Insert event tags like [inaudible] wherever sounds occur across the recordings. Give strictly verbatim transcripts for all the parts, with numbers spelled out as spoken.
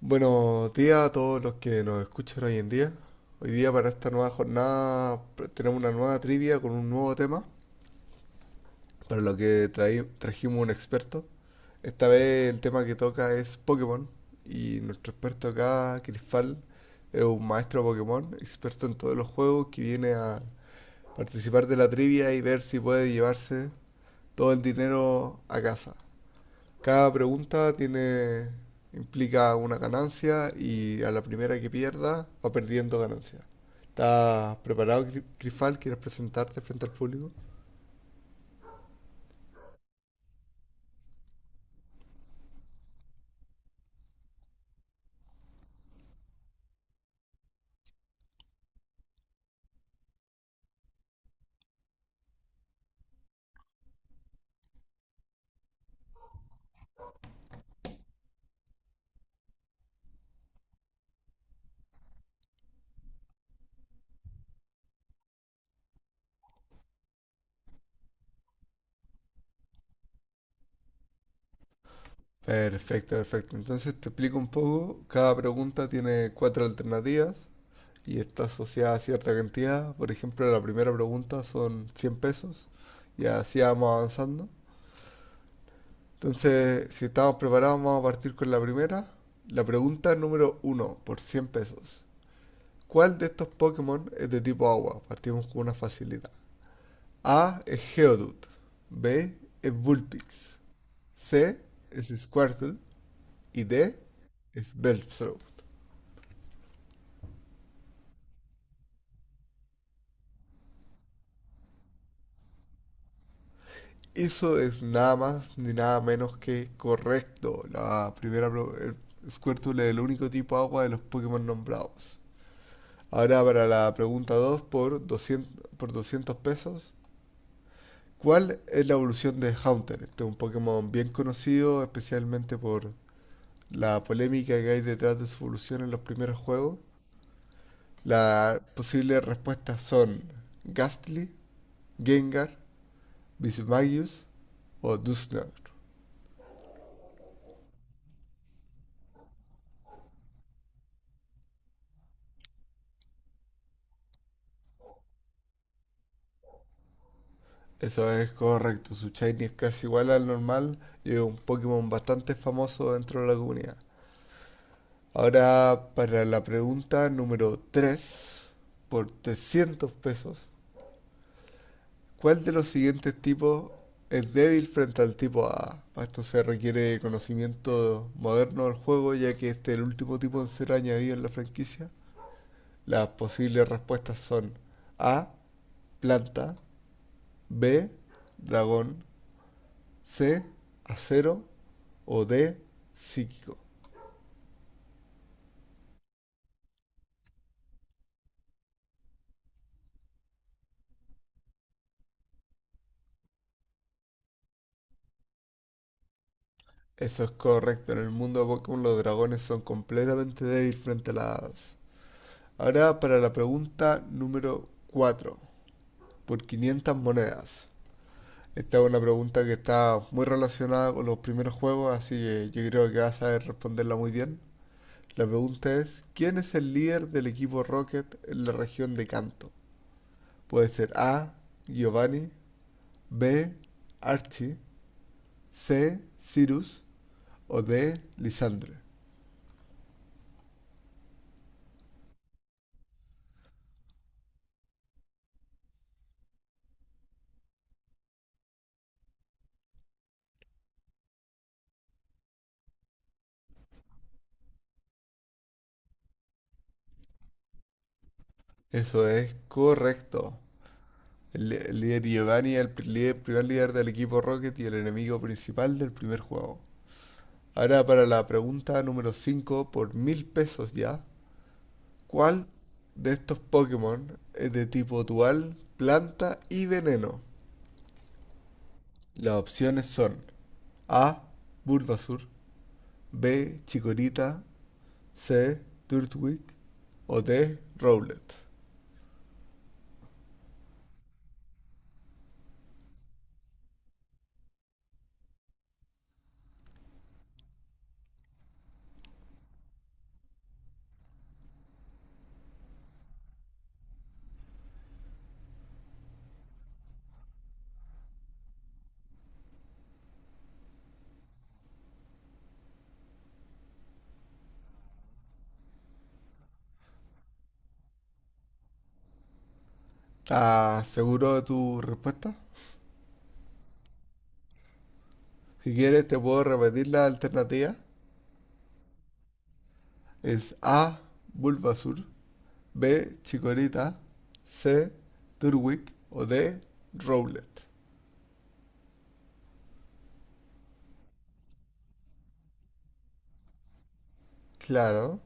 Buenos días a todos los que nos escuchan hoy en día. Hoy día para esta nueva jornada pr- tenemos una nueva trivia con un nuevo tema, para lo que traí- trajimos un experto. Esta vez el tema que toca es Pokémon y nuestro experto acá, Crisfal, es un maestro Pokémon, experto en todos los juegos, que viene a participar de la trivia y ver si puede llevarse todo el dinero a casa. Cada pregunta tiene, implica una ganancia y a la primera que pierda va perdiendo ganancia. ¿Estás preparado, Gri- Grifal? ¿Quieres presentarte frente al público? Perfecto, perfecto. Entonces te explico un poco. Cada pregunta tiene cuatro alternativas y está asociada a cierta cantidad. Por ejemplo, la primera pregunta son cien pesos y así vamos avanzando. Entonces, si estamos preparados, vamos a partir con la primera. La pregunta número uno, por cien pesos. ¿Cuál de estos Pokémon es de tipo agua? Partimos con una facilidad. A es Geodude. B es Vulpix. C es Squirtle. Y D es Bellsprout. Eso es nada más ni nada menos que correcto. La primera, el Squirtle es el único tipo agua de los Pokémon nombrados. Ahora para la pregunta dos por doscientos por doscientos pesos. ¿Cuál es la evolución de Haunter? Este es un Pokémon bien conocido, especialmente por la polémica que hay detrás de su evolución en los primeros juegos. Las posibles respuestas son Gastly, Gengar, Vismagius o Dusknoir. Eso es correcto, su Shiny es casi igual al normal y es un Pokémon bastante famoso dentro de la comunidad. Ahora para la pregunta número tres por trescientos pesos, ¿cuál de los siguientes tipos es débil frente al tipo A? Para esto se requiere conocimiento moderno del juego, ya que este es el último tipo en ser añadido en la franquicia. Las posibles respuestas son A, planta, B, dragón, C, acero o D, psíquico. Eso es correcto, en el mundo de Pokémon los dragones son completamente débiles frente a las hadas. Ahora para la pregunta número cuatro por quinientas monedas. Esta es una pregunta que está muy relacionada con los primeros juegos, así que yo creo que vas a saber responderla muy bien. La pregunta es, ¿quién es el líder del equipo Rocket en la región de Canto? Puede ser A, Giovanni, B, Archie, C, Cyrus o D, Lisandre. Eso es correcto. El, el líder Giovanni es el pri- líder- primer líder del equipo Rocket y el enemigo principal del primer juego. Ahora para la pregunta número cinco por mil pesos ya. ¿Cuál de estos Pokémon es de tipo dual, planta y veneno? Las opciones son A, Bulbasur, B, Chikorita, C, Turtwig o D, Rowlet. ¿Estás seguro de tu respuesta? Si quieres te puedo repetir la alternativa. Es A, Bulbasur, B, Chikorita, C, Turtwig o D, Rowlet. Claro.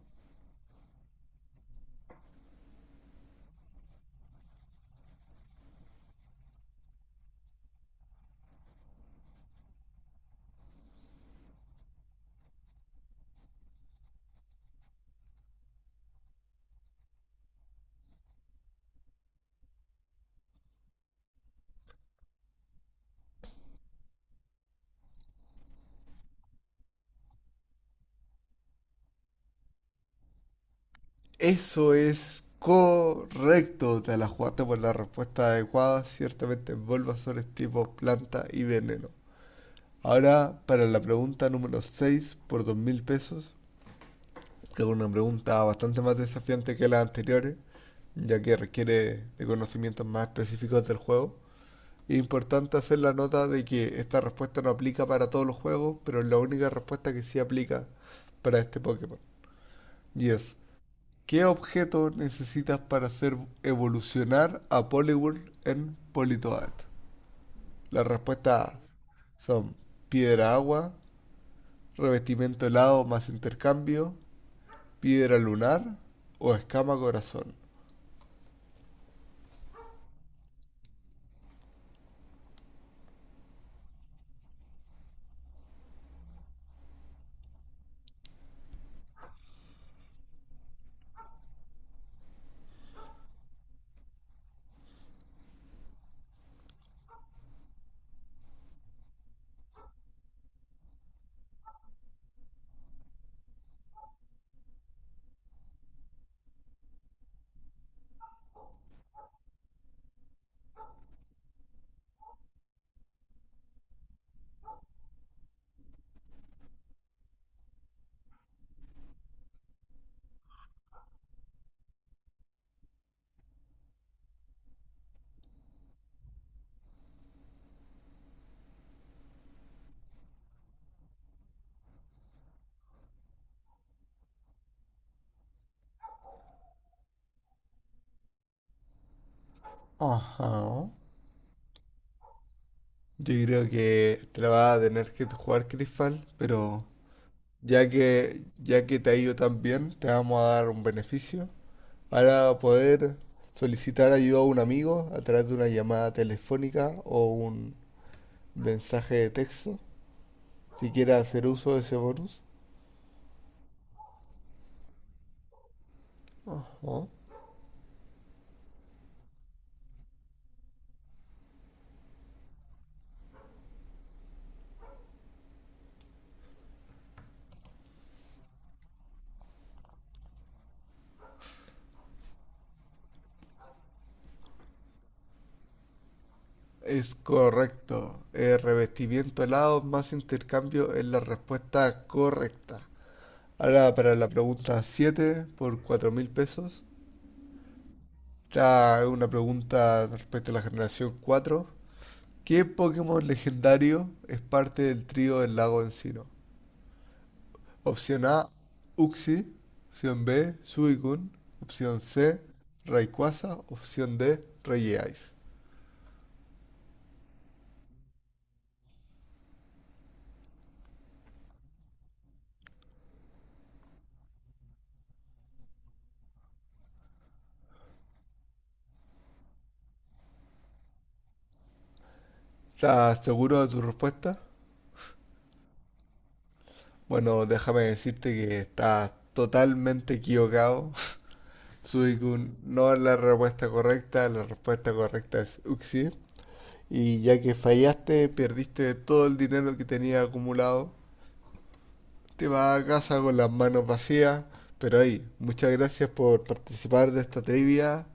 Eso es correcto. Te la jugaste por la respuesta adecuada. Ciertamente Bulbasaur es tipo planta y veneno. Ahora para la pregunta número seis por dos mil pesos, que es una pregunta bastante más desafiante que las anteriores, ya que requiere de conocimientos más específicos del juego. Es importante hacer la nota de que esta respuesta no aplica para todos los juegos, pero es la única respuesta que sí aplica para este Pokémon. Y es, ¿qué objeto necesitas para hacer evolucionar a Poliwhirl en Politoad? Las respuestas A son piedra agua, revestimiento helado más intercambio, piedra lunar o escama corazón. Ajá. Yo creo que te la vas a tener que jugar Crystal, pero ya que, ya que te ha ido tan bien, te vamos a dar un beneficio. Para poder solicitar ayuda a un amigo a través de una llamada telefónica o un mensaje de texto si quiere hacer uso de ese bonus. Ajá. Es correcto. El revestimiento helado más intercambio es la respuesta correcta. Ahora para la pregunta siete por cuatro mil pesos. Ya una pregunta respecto a la generación cuatro. ¿Qué Pokémon legendario es parte del trío del lago Encino? Opción A, Uxie. Opción B, Suicune. Opción C, Rayquaza. Opción D, Reyes. ¿Estás seguro de tu respuesta? Bueno, déjame decirte que estás totalmente equivocado. [laughs] Suicune no es la respuesta correcta, la respuesta correcta es Uxie. Y ya que fallaste, perdiste todo el dinero que tenías acumulado. Te vas a casa con las manos vacías. Pero ahí, muchas gracias por participar de esta trivia.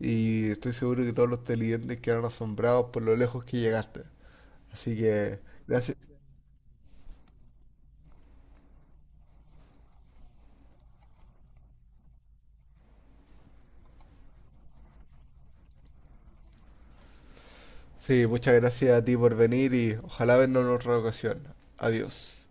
Y estoy seguro que todos los televidentes quedaron asombrados por lo lejos que llegaste. Así que, gracias. Sí, muchas gracias a ti por venir y ojalá vernos en otra ocasión. Adiós.